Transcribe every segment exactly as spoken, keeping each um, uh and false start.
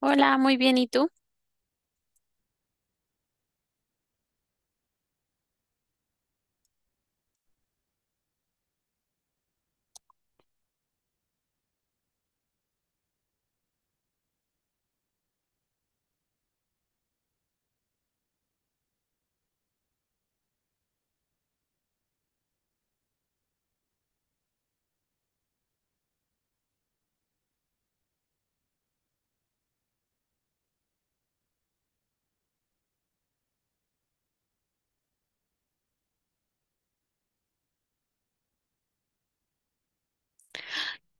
Hola, muy bien, ¿y tú?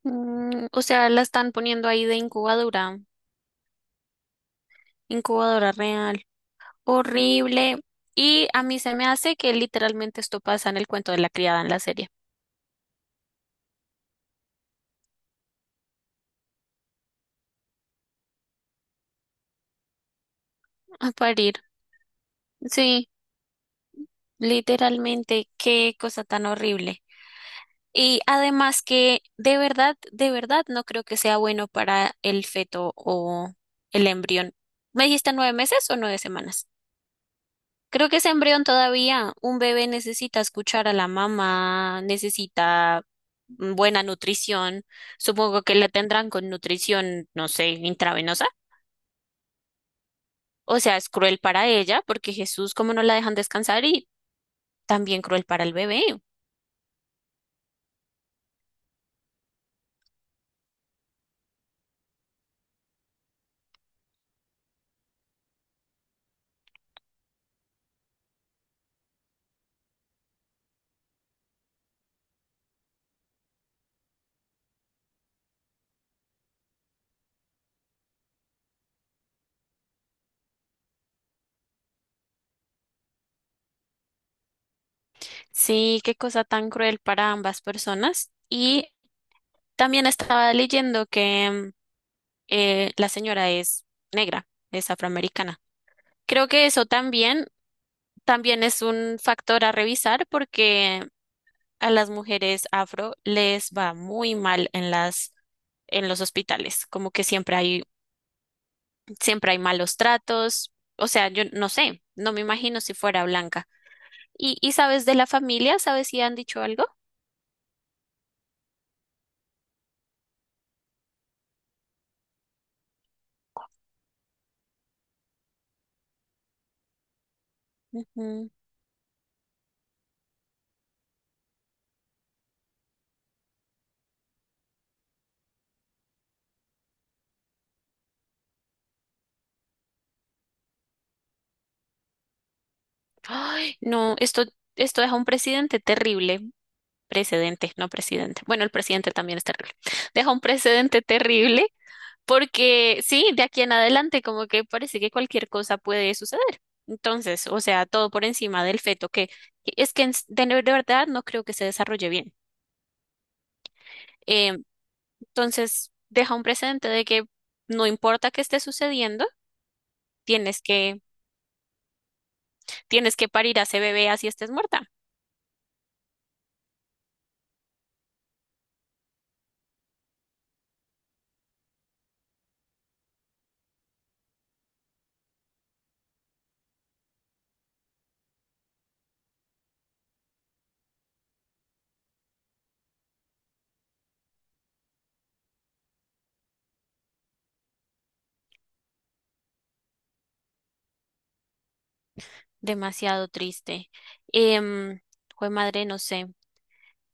Mm, o sea, la están poniendo ahí de incubadora, incubadora real, horrible. Y a mí se me hace que literalmente esto pasa en el cuento de la criada en la serie. A parir. Sí, literalmente, qué cosa tan horrible. Y además que de verdad, de verdad, no creo que sea bueno para el feto o el embrión. ¿Me dijiste nueve meses o nueve semanas? Creo que ese embrión todavía, un bebé necesita escuchar a la mamá, necesita mm, buena nutrición. Supongo que la tendrán con nutrición, no sé, intravenosa. O sea, es cruel para ella, porque Jesús, como no la dejan descansar, y también cruel para el bebé. Sí, qué cosa tan cruel para ambas personas. Y también estaba leyendo que mm, eh, la señora es negra, es afroamericana. Creo que eso también, también es un factor a revisar porque a las mujeres afro les va muy mal en las, en los hospitales, como que siempre hay, siempre hay malos tratos, o sea, yo no sé, no me imagino si fuera blanca. ¿Y, y sabes de la familia? ¿Sabes si han dicho algo? Ujú. Ay, no, esto, esto deja un presidente terrible. Precedente, no presidente. Bueno, el presidente también es terrible. Deja un precedente terrible, porque sí, de aquí en adelante como que parece que cualquier cosa puede suceder. Entonces, o sea, todo por encima del feto, que que es que en s- de, de verdad no creo que se desarrolle bien. Eh, entonces, deja un precedente de que no importa qué esté sucediendo, tienes que, tienes que parir a ese bebé así estés muerta. Demasiado triste. Em, Jue madre, no sé.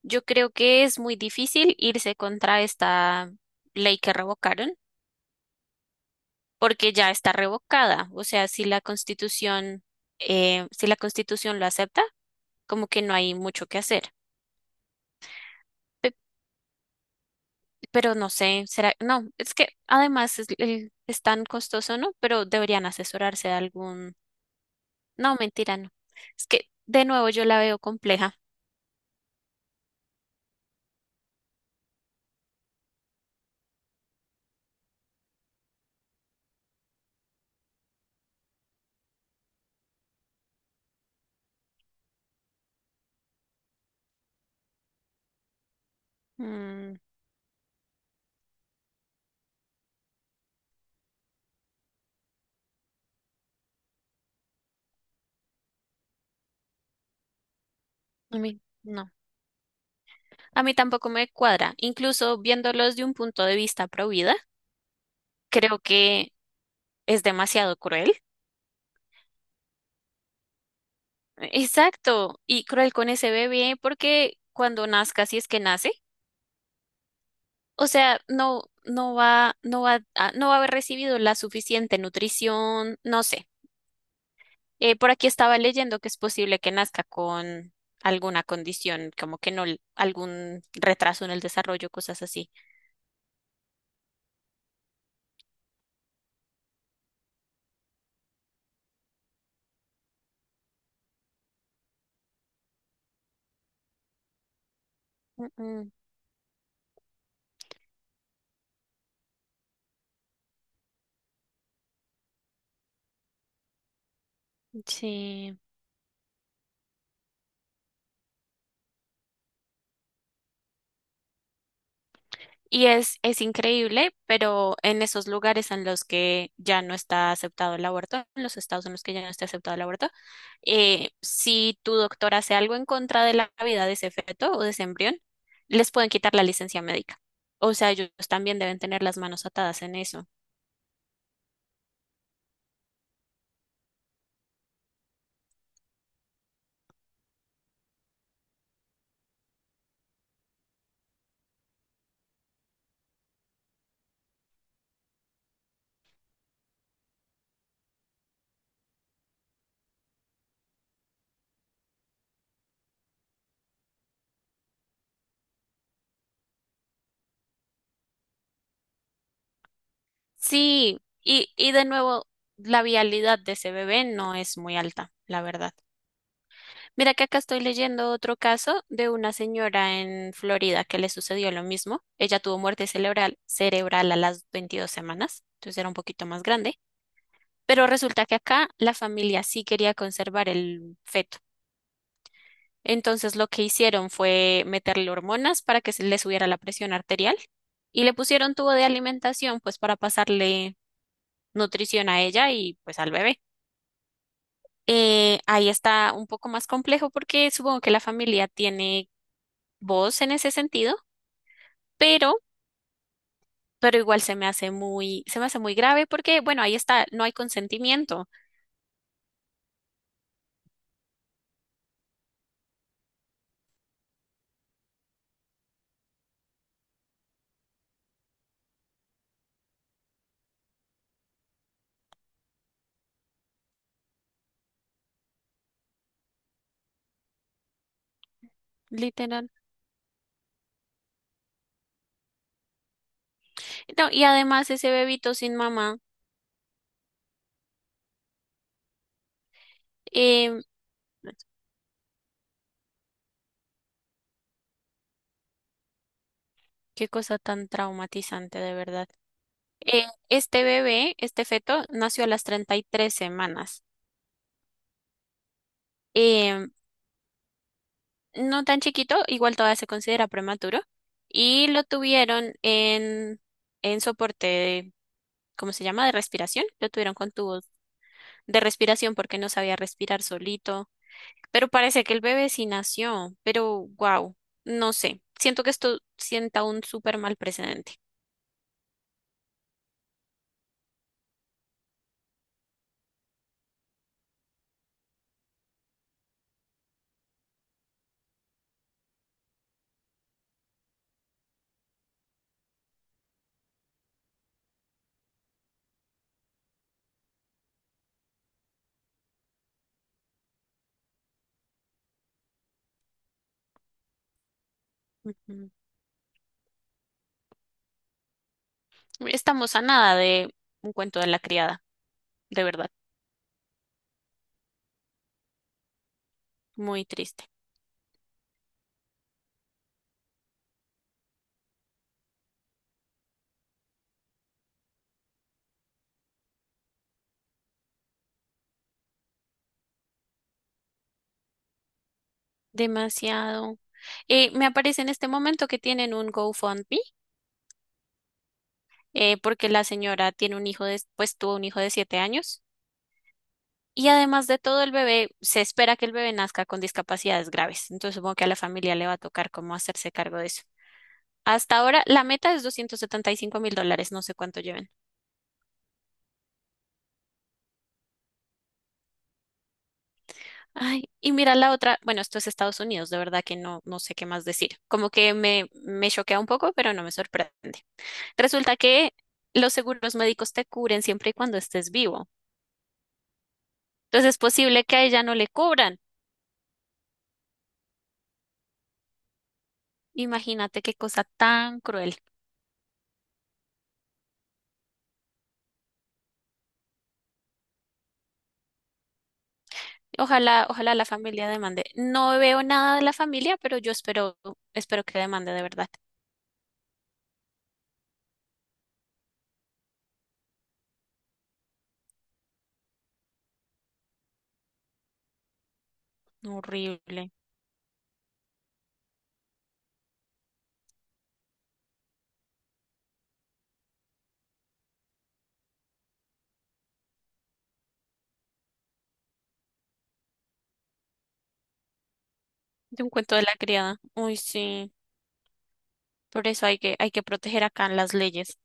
Yo creo que es muy difícil irse contra esta ley que revocaron porque ya está revocada. O sea, si la Constitución, eh, si la Constitución lo acepta, como que no hay mucho que hacer. Pe- pero no sé, será, no, es que además es, el- es tan costoso, ¿no? Pero deberían asesorarse de algún, no, mentira, no. Es que de nuevo yo la veo compleja. Mm, a mí, no, a mí tampoco me cuadra. Incluso viéndolos de un punto de vista pro vida, creo que es demasiado cruel. Exacto, y cruel con ese bebé porque cuando nazca, si es que nace, o sea, no, no va, no va, a- no va a haber recibido la suficiente nutrición, no sé. Eh, por aquí estaba leyendo que es posible que nazca con alguna condición, como que no, algún retraso en el desarrollo, cosas así. Mm, mm, sí. Y es, es increíble, pero en esos lugares en los que ya no está aceptado el aborto, en los estados en los que ya no está aceptado el aborto, eh, si tu doctor hace algo en contra de la vida de ese feto o de ese embrión, les pueden quitar la licencia médica. O sea, ellos también deben tener las manos atadas en eso. Sí, y, y de nuevo, la vialidad de ese bebé no es muy alta, la verdad. Mira que acá estoy leyendo otro caso de una señora en Florida que le sucedió lo mismo. Ella tuvo muerte cerebral, cerebral a las veintidós semanas, entonces era un poquito más grande, pero resulta que acá la familia sí quería conservar el feto. Entonces lo que hicieron fue meterle hormonas para que se le subiera la presión arterial y le pusieron tubo de alimentación pues para pasarle nutrición a ella y pues al bebé. Eh, ahí está un poco más complejo porque supongo que la familia tiene vos en ese sentido, pero, pero igual se me hace muy, se me hace muy grave porque, bueno, ahí está, no hay consentimiento, literal. No, y además ese bebito sin mamá, em, qué cosa tan traumatizante de verdad. Eh, este bebé, este feto, nació a las treinta y tres semanas. Em, no tan chiquito, igual todavía se considera prematuro, y lo tuvieron en, en soporte, de- ¿cómo se llama?, de respiración, lo tuvieron con tubos de respiración porque no sabía respirar solito, pero parece que el bebé sí nació, pero wow, no sé, siento que esto sienta un súper mal precedente. Ujú. Estamos a nada de un cuento de la criada, de verdad, muy triste. Demasiado. Eh, me aparece en este momento que tienen un GoFundMe, eh, porque la señora tiene un hijo de, pues tuvo un hijo de siete años. Y además de todo, el bebé, se espera que el bebé nazca con discapacidades graves. Entonces, supongo que a la familia le va a tocar cómo hacerse cargo de eso. Hasta ahora, la meta es doscientos setenta y cinco mil dólares, no sé cuánto lleven. Ay, y mira la otra, bueno, esto es Estados Unidos, de verdad que no, no sé qué más decir. Como que me, me choquea un poco, pero no me sorprende. Resulta que los seguros médicos te cubren siempre y cuando estés vivo. Entonces, es posible que a ella no le cubran. Imagínate qué cosa tan cruel. Ojalá, ojalá la familia demande. No veo nada de la familia, pero yo espero, espero que demande de verdad. Horrible. De un cuento de la criada. Uy, sí. Por eso hay que, hay que proteger acá las leyes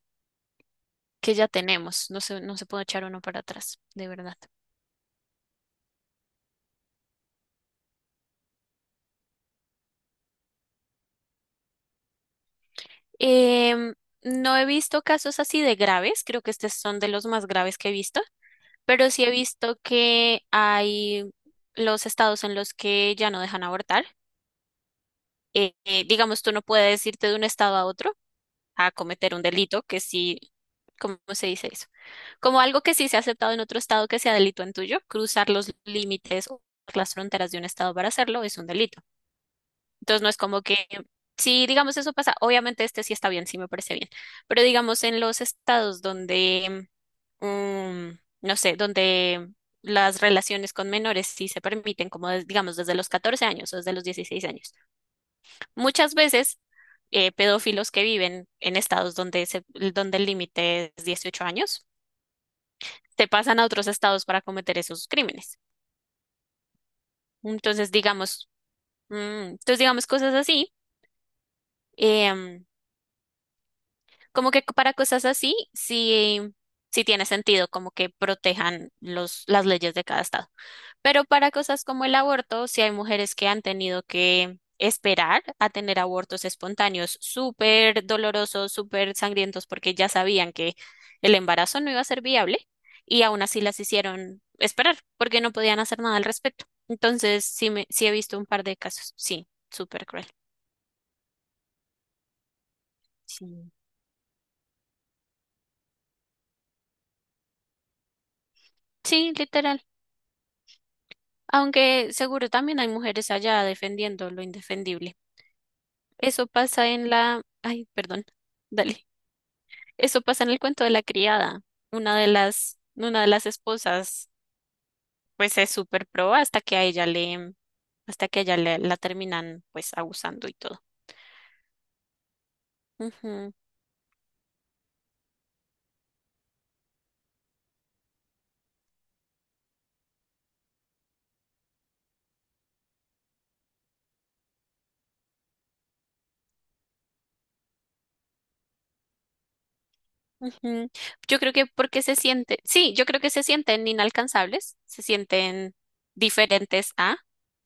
que ya tenemos. No se, no se puede echar uno para atrás, de verdad. Em, no he visto casos así de graves. Creo que estos son de los más graves que he visto. Pero sí he visto que hay los estados en los que ya no dejan abortar, eh, eh, digamos, tú no puedes irte de un estado a otro a cometer un delito que sí, ¿cómo se dice eso? Como algo que sí se ha aceptado en otro estado que sea delito en tuyo, cruzar los límites o las fronteras de un estado para hacerlo es un delito. Entonces no es como que si digamos eso pasa, obviamente este sí está bien, sí me parece bien, pero digamos en los estados donde, mm, no sé, donde las relaciones con menores sí se permiten, como des- digamos desde los catorce años o desde los dieciséis años. Muchas veces eh, pedófilos que viven en estados donde, se- donde el límite es dieciocho años, se pasan a otros estados para cometer esos crímenes. Entonces, digamos, mm, entonces digamos cosas así. em, Como que para cosas así, sí, sí tiene sentido, como que protejan los, las leyes de cada estado. Pero para cosas como el aborto, sí hay mujeres que han tenido que esperar a tener abortos espontáneos súper dolorosos, súper sangrientos, porque ya sabían que el embarazo no iba a ser viable y aún así las hicieron esperar, porque no podían hacer nada al respecto. Entonces, sí, me, sí he visto un par de casos. Sí, súper cruel. Sí. Sí, literal. Aunque seguro también hay mujeres allá defendiendo lo indefendible. Eso pasa en la, ay, perdón. Dale. Eso pasa en el cuento de la criada. Una de las, una de las esposas, pues es súper pro hasta que a ella le, hasta que a ella le- la terminan, pues, abusando y todo. Ujú, ujú. Yo creo que porque se siente, sí, yo creo que se sienten inalcanzables, se sienten diferentes a,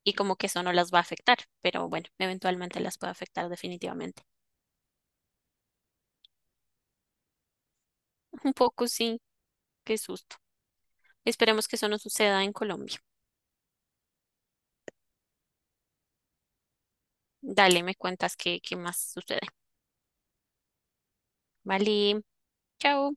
y como que eso no las va a afectar, pero bueno, eventualmente las puede afectar definitivamente. Un poco sí, qué susto. Esperemos que eso no suceda en Colombia. Dale, me cuentas qué, qué más sucede. Vale, chao.